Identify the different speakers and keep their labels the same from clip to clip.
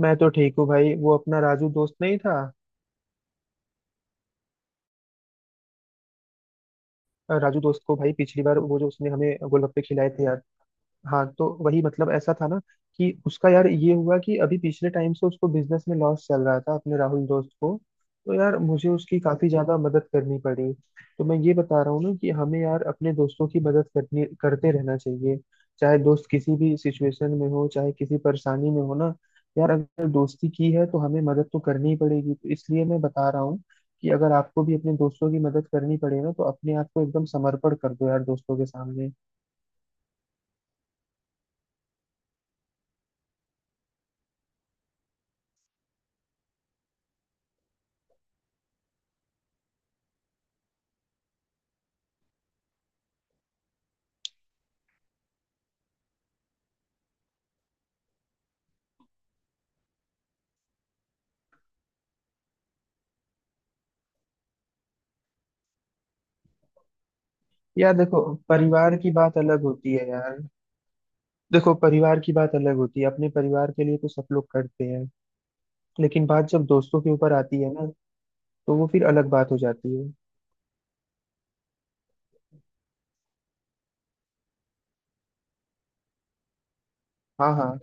Speaker 1: मैं तो ठीक हूँ भाई। वो अपना राजू दोस्त नहीं था राजू दोस्त। को भाई पिछली बार वो जो उसने हमें गोलगप्पे खिलाए थे, याद? हाँ, तो वही, मतलब ऐसा था ना कि उसका, यार ये हुआ कि अभी पिछले टाइम से उसको बिजनेस में लॉस चल रहा था, अपने राहुल दोस्त को। तो यार मुझे उसकी काफी ज्यादा मदद करनी पड़ी। तो मैं ये बता रहा हूँ ना कि हमें यार अपने दोस्तों की मदद करनी, करते रहना चाहिए। चाहे दोस्त किसी भी सिचुएशन में हो, चाहे किसी परेशानी में हो ना, यार अगर दोस्ती की है तो हमें मदद तो करनी ही पड़ेगी। तो इसलिए मैं बता रहा हूँ कि अगर आपको भी अपने दोस्तों की मदद करनी पड़े ना, तो अपने आप को एकदम समर्पण कर दो यार दोस्तों के सामने। यार देखो, परिवार की बात अलग होती है यार। देखो, परिवार की बात अलग होती है। अपने परिवार के लिए तो सब लोग करते हैं। लेकिन बात जब दोस्तों के ऊपर आती है ना, तो वो फिर अलग बात हो जाती है। हाँ, हाँ।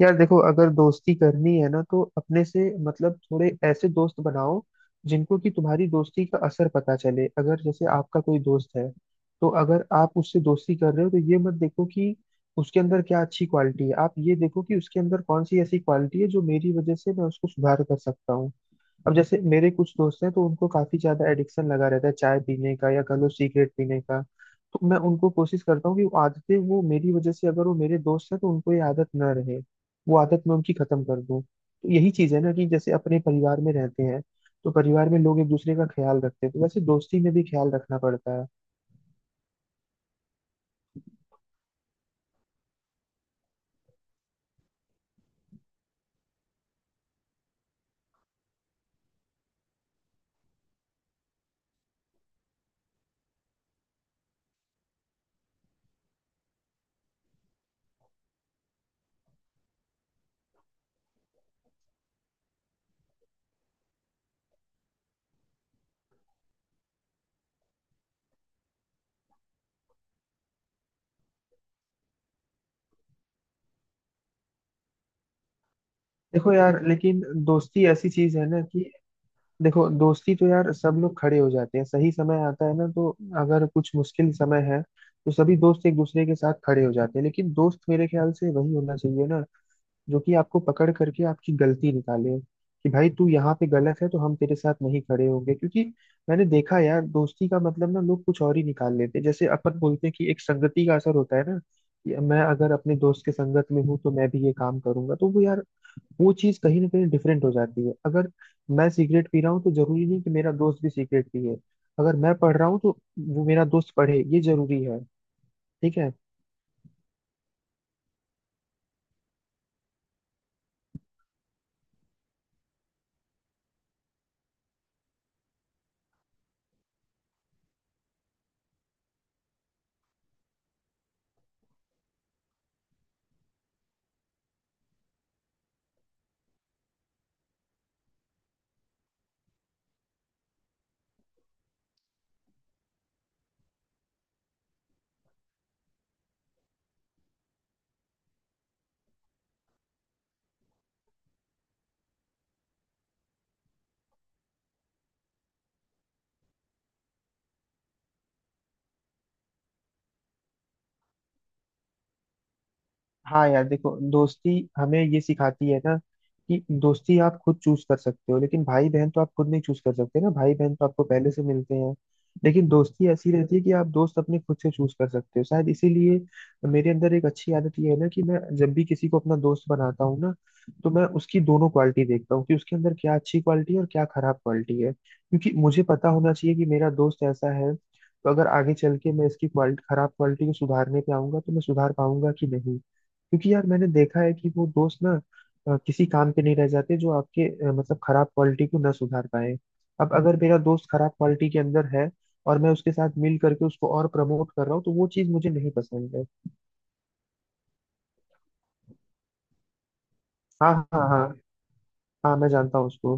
Speaker 1: यार देखो, अगर दोस्ती करनी है ना, तो अपने से मतलब थोड़े ऐसे दोस्त बनाओ जिनको कि तुम्हारी दोस्ती का असर पता चले। अगर जैसे आपका कोई दोस्त है, तो अगर आप उससे दोस्ती कर रहे हो, तो ये मत देखो कि उसके अंदर क्या अच्छी क्वालिटी है। आप ये देखो कि उसके अंदर कौन सी ऐसी क्वालिटी है जो मेरी वजह से मैं उसको सुधार कर सकता हूँ। अब जैसे मेरे कुछ दोस्त हैं, तो उनको काफी ज्यादा एडिक्शन लगा रहता है चाय पीने का, या कह लो सिगरेट पीने का। तो मैं उनको कोशिश करता हूँ कि वो आदतें वो मेरी वजह से, अगर वो मेरे दोस्त हैं तो उनको ये आदत न रहे, वो आदत मैं उनकी खत्म कर दूँ। तो यही चीज है ना, कि जैसे अपने परिवार में रहते हैं तो परिवार में लोग एक दूसरे का ख्याल रखते हैं, तो वैसे दोस्ती में भी ख्याल रखना पड़ता है। देखो यार, लेकिन दोस्ती ऐसी चीज है ना कि, देखो, दोस्ती तो यार सब लोग खड़े हो जाते हैं सही समय आता है ना तो। अगर कुछ मुश्किल समय है, तो सभी दोस्त एक दूसरे के साथ खड़े हो जाते हैं। लेकिन दोस्त मेरे ख्याल से वही होना चाहिए ना, जो कि आपको पकड़ करके आपकी गलती निकाले कि भाई तू यहाँ पे गलत है, तो हम तेरे साथ नहीं खड़े होंगे। क्योंकि मैंने देखा यार, दोस्ती का मतलब ना लोग कुछ और ही निकाल लेते हैं। जैसे अपन बोलते हैं कि एक संगति का असर होता है ना, कि मैं अगर अपने दोस्त के संगत में हूँ तो मैं भी ये काम करूंगा, तो वो यार, वो चीज कहीं ना कहीं डिफरेंट हो जाती है। अगर मैं सिगरेट पी रहा हूँ, तो जरूरी नहीं कि मेरा दोस्त भी सिगरेट पिए। अगर मैं पढ़ रहा हूँ, तो वो मेरा दोस्त पढ़े ये जरूरी है। ठीक है। हाँ यार देखो, दोस्ती हमें ये सिखाती है ना कि दोस्ती आप खुद चूज कर सकते हो, लेकिन भाई बहन तो आप खुद नहीं चूज कर सकते ना, भाई बहन तो आपको पहले से मिलते हैं। लेकिन दोस्ती ऐसी रहती है कि आप दोस्त अपने खुद से चूज कर सकते हो। शायद इसीलिए मेरे अंदर एक अच्छी आदत ये है ना कि मैं जब भी किसी को अपना दोस्त बनाता हूँ ना, तो मैं उसकी दोनों क्वालिटी देखता हूँ कि उसके अंदर क्या अच्छी क्वालिटी है और क्या खराब क्वालिटी है। क्योंकि मुझे पता होना चाहिए कि मेरा दोस्त ऐसा है, तो अगर आगे चल के मैं इसकी क्वालिटी, खराब क्वालिटी को सुधारने पे आऊंगा, तो मैं सुधार पाऊंगा कि नहीं। क्योंकि यार मैंने देखा है कि वो दोस्त ना किसी काम के नहीं रह जाते जो आपके, मतलब खराब क्वालिटी को ना सुधार पाए। अब अगर मेरा दोस्त खराब क्वालिटी के अंदर है, और मैं उसके साथ मिल करके उसको और प्रमोट कर रहा हूँ, तो वो चीज मुझे नहीं पसंद है। हाँ, हाँ, हाँ। हाँ, मैं जानता हूँ उसको।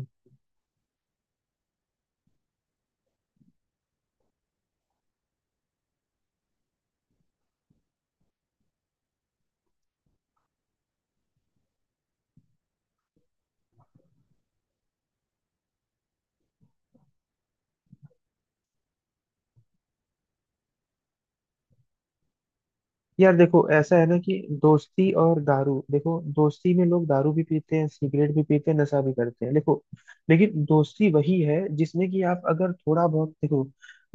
Speaker 1: यार देखो, ऐसा है ना कि दोस्ती और दारू, देखो दोस्ती में लोग दारू भी पीते हैं, सिगरेट भी पीते हैं, नशा भी करते हैं। देखो, लेकिन दोस्ती वही है जिसमें कि आप अगर थोड़ा बहुत, देखो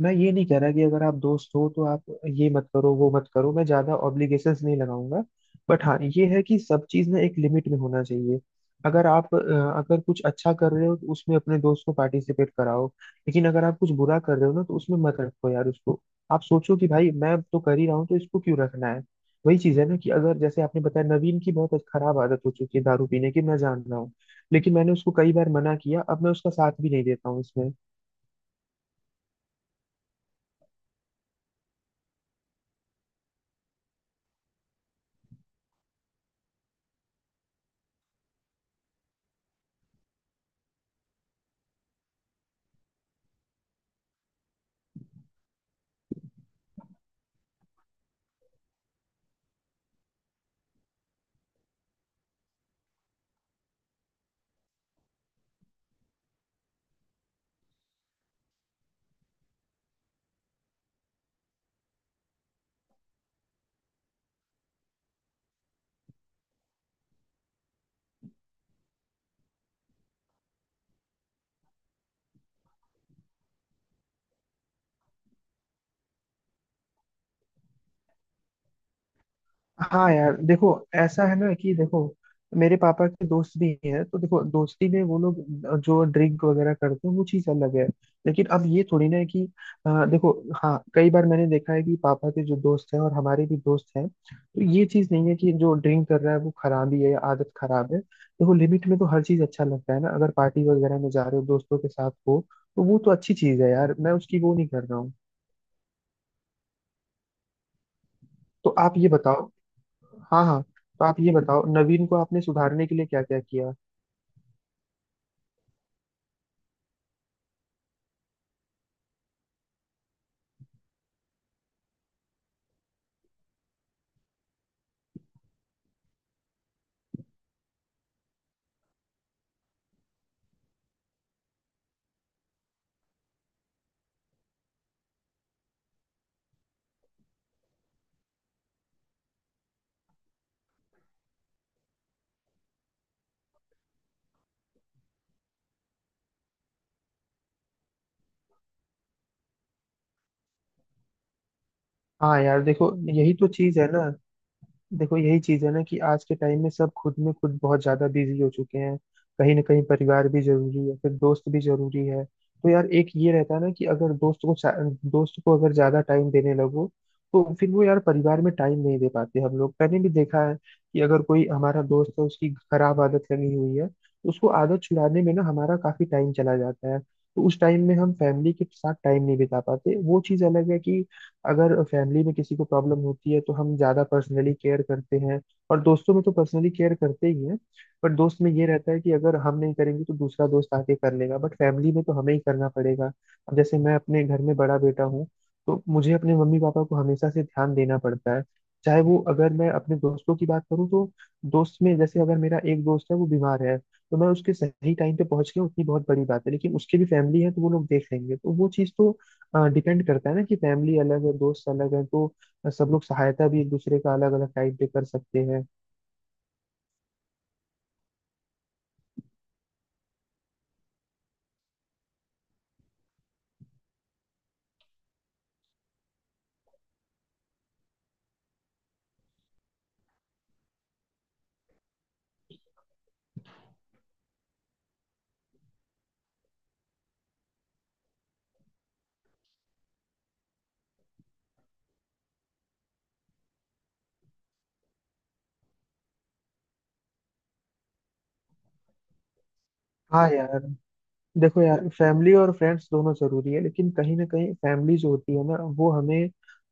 Speaker 1: मैं ये नहीं कह रहा कि अगर आप दोस्त हो तो आप ये मत करो वो मत करो, मैं ज्यादा ऑब्लिगेशंस नहीं लगाऊंगा। बट हाँ, ये है कि सब चीज ना एक लिमिट में होना चाहिए। अगर आप अ, अगर कुछ अच्छा कर रहे हो, तो उसमें अपने दोस्त को पार्टिसिपेट कराओ। लेकिन अगर आप कुछ बुरा कर रहे हो ना, तो उसमें मत रखो यार उसको। आप सोचो कि भाई मैं तो कर ही रहा हूँ, तो इसको क्यों रखना है। वही चीज है ना कि अगर जैसे आपने बताया, नवीन की बहुत खराब आदत हो चुकी है दारू पीने की, मैं जान रहा हूँ। लेकिन मैंने उसको कई बार मना किया, अब मैं उसका साथ भी नहीं देता हूँ इसमें। हाँ यार देखो, ऐसा है ना कि देखो मेरे पापा के दोस्त भी हैं, तो देखो दोस्ती में वो लोग जो ड्रिंक वगैरह करते हैं, वो चीज अलग है। लेकिन अब ये थोड़ी ना है कि, देखो, हाँ कई बार मैंने देखा है कि पापा के जो दोस्त हैं और हमारे भी दोस्त हैं, तो ये चीज नहीं है कि जो ड्रिंक कर रहा है वो खराब ही है या आदत खराब है। देखो लिमिट में तो हर चीज अच्छा लगता है ना, अगर पार्टी वगैरह में जा रहे हो, दोस्तों के साथ हो, तो वो तो अच्छी चीज है यार, मैं उसकी वो नहीं कर रहा हूँ। तो आप ये बताओ, हाँ, हाँ, तो आप ये बताओ नवीन को आपने सुधारने के लिए क्या क्या किया। हाँ यार देखो, यही तो चीज है ना। देखो यही चीज है ना कि आज के टाइम में सब खुद में खुद बहुत ज्यादा बिजी हो चुके हैं। कहीं ना कहीं परिवार भी जरूरी है, फिर दोस्त भी जरूरी है। तो यार एक ये रहता है ना कि अगर दोस्त को अगर ज्यादा टाइम देने लगो, तो फिर वो यार परिवार में टाइम नहीं दे पाते हम लोग। मैंने भी देखा है कि अगर कोई हमारा दोस्त है, उसकी खराब आदत लगी हुई है, तो उसको आदत छुड़ाने में ना हमारा काफी टाइम चला जाता है। तो उस टाइम में हम फैमिली के साथ टाइम नहीं बिता पाते। वो चीज अलग है कि अगर फैमिली में किसी को प्रॉब्लम होती है, तो हम ज्यादा पर्सनली केयर करते हैं, और दोस्तों में तो पर्सनली केयर करते ही हैं। बट दोस्त में ये रहता है कि अगर हम नहीं करेंगे, तो दूसरा दोस्त आके कर लेगा। बट फैमिली में तो हमें ही करना पड़ेगा। अब जैसे मैं अपने घर में बड़ा बेटा हूँ, तो मुझे अपने मम्मी पापा को हमेशा से ध्यान देना पड़ता है। चाहे वो, अगर मैं अपने दोस्तों की बात करूँ तो, दोस्त में जैसे अगर मेरा एक दोस्त है, वो बीमार है, तो मैं उसके सही टाइम पे पहुंच गया उतनी बहुत बड़ी बात है। लेकिन उसके भी फैमिली है, तो वो लोग देख लेंगे। तो वो चीज़ तो डिपेंड करता है ना कि फैमिली अलग है, दोस्त अलग है, तो सब लोग सहायता भी एक दूसरे का अलग अलग टाइप पे कर सकते हैं। हाँ। यार देखो यार फैमिली और फ्रेंड्स दोनों जरूरी है, लेकिन कहीं ना कहीं फैमिली जो होती है ना, वो हमें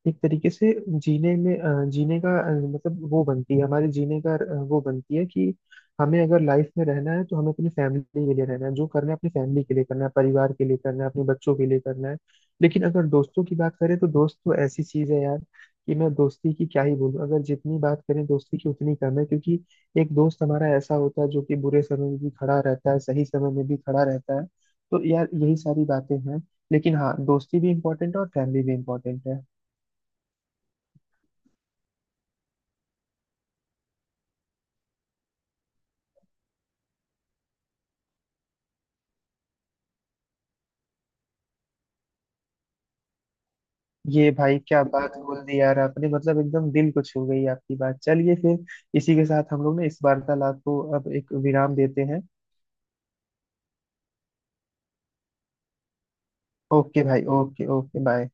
Speaker 1: एक तरीके से जीने में, जीने का, मतलब वो बनती है हमारे जीने का, वो बनती है कि हमें अगर लाइफ में रहना है, तो हमें अपनी फैमिली के लिए रहना है। जो करना है अपनी फैमिली के लिए करना है, परिवार के लिए करना है, अपने बच्चों के लिए करना है। लेकिन अगर दोस्तों की बात करें, तो दोस्त तो ऐसी चीज है यार कि मैं दोस्ती की क्या ही बोलूं, अगर जितनी बात करें दोस्ती की उतनी कम है। क्योंकि एक दोस्त हमारा ऐसा होता है जो कि बुरे समय में भी खड़ा रहता है, सही समय में भी खड़ा रहता है। तो यार यही सारी बातें हैं। लेकिन हाँ, दोस्ती भी इम्पोर्टेंट है और फैमिली भी इम्पोर्टेंट है। ये भाई क्या बात बोल दी यार आपने, मतलब एकदम दिल को छू गई आपकी बात। चलिए फिर, इसी के साथ हम लोग ने इस वार्तालाप को अब एक विराम देते हैं। ओके भाई, ओके, ओके, बाय।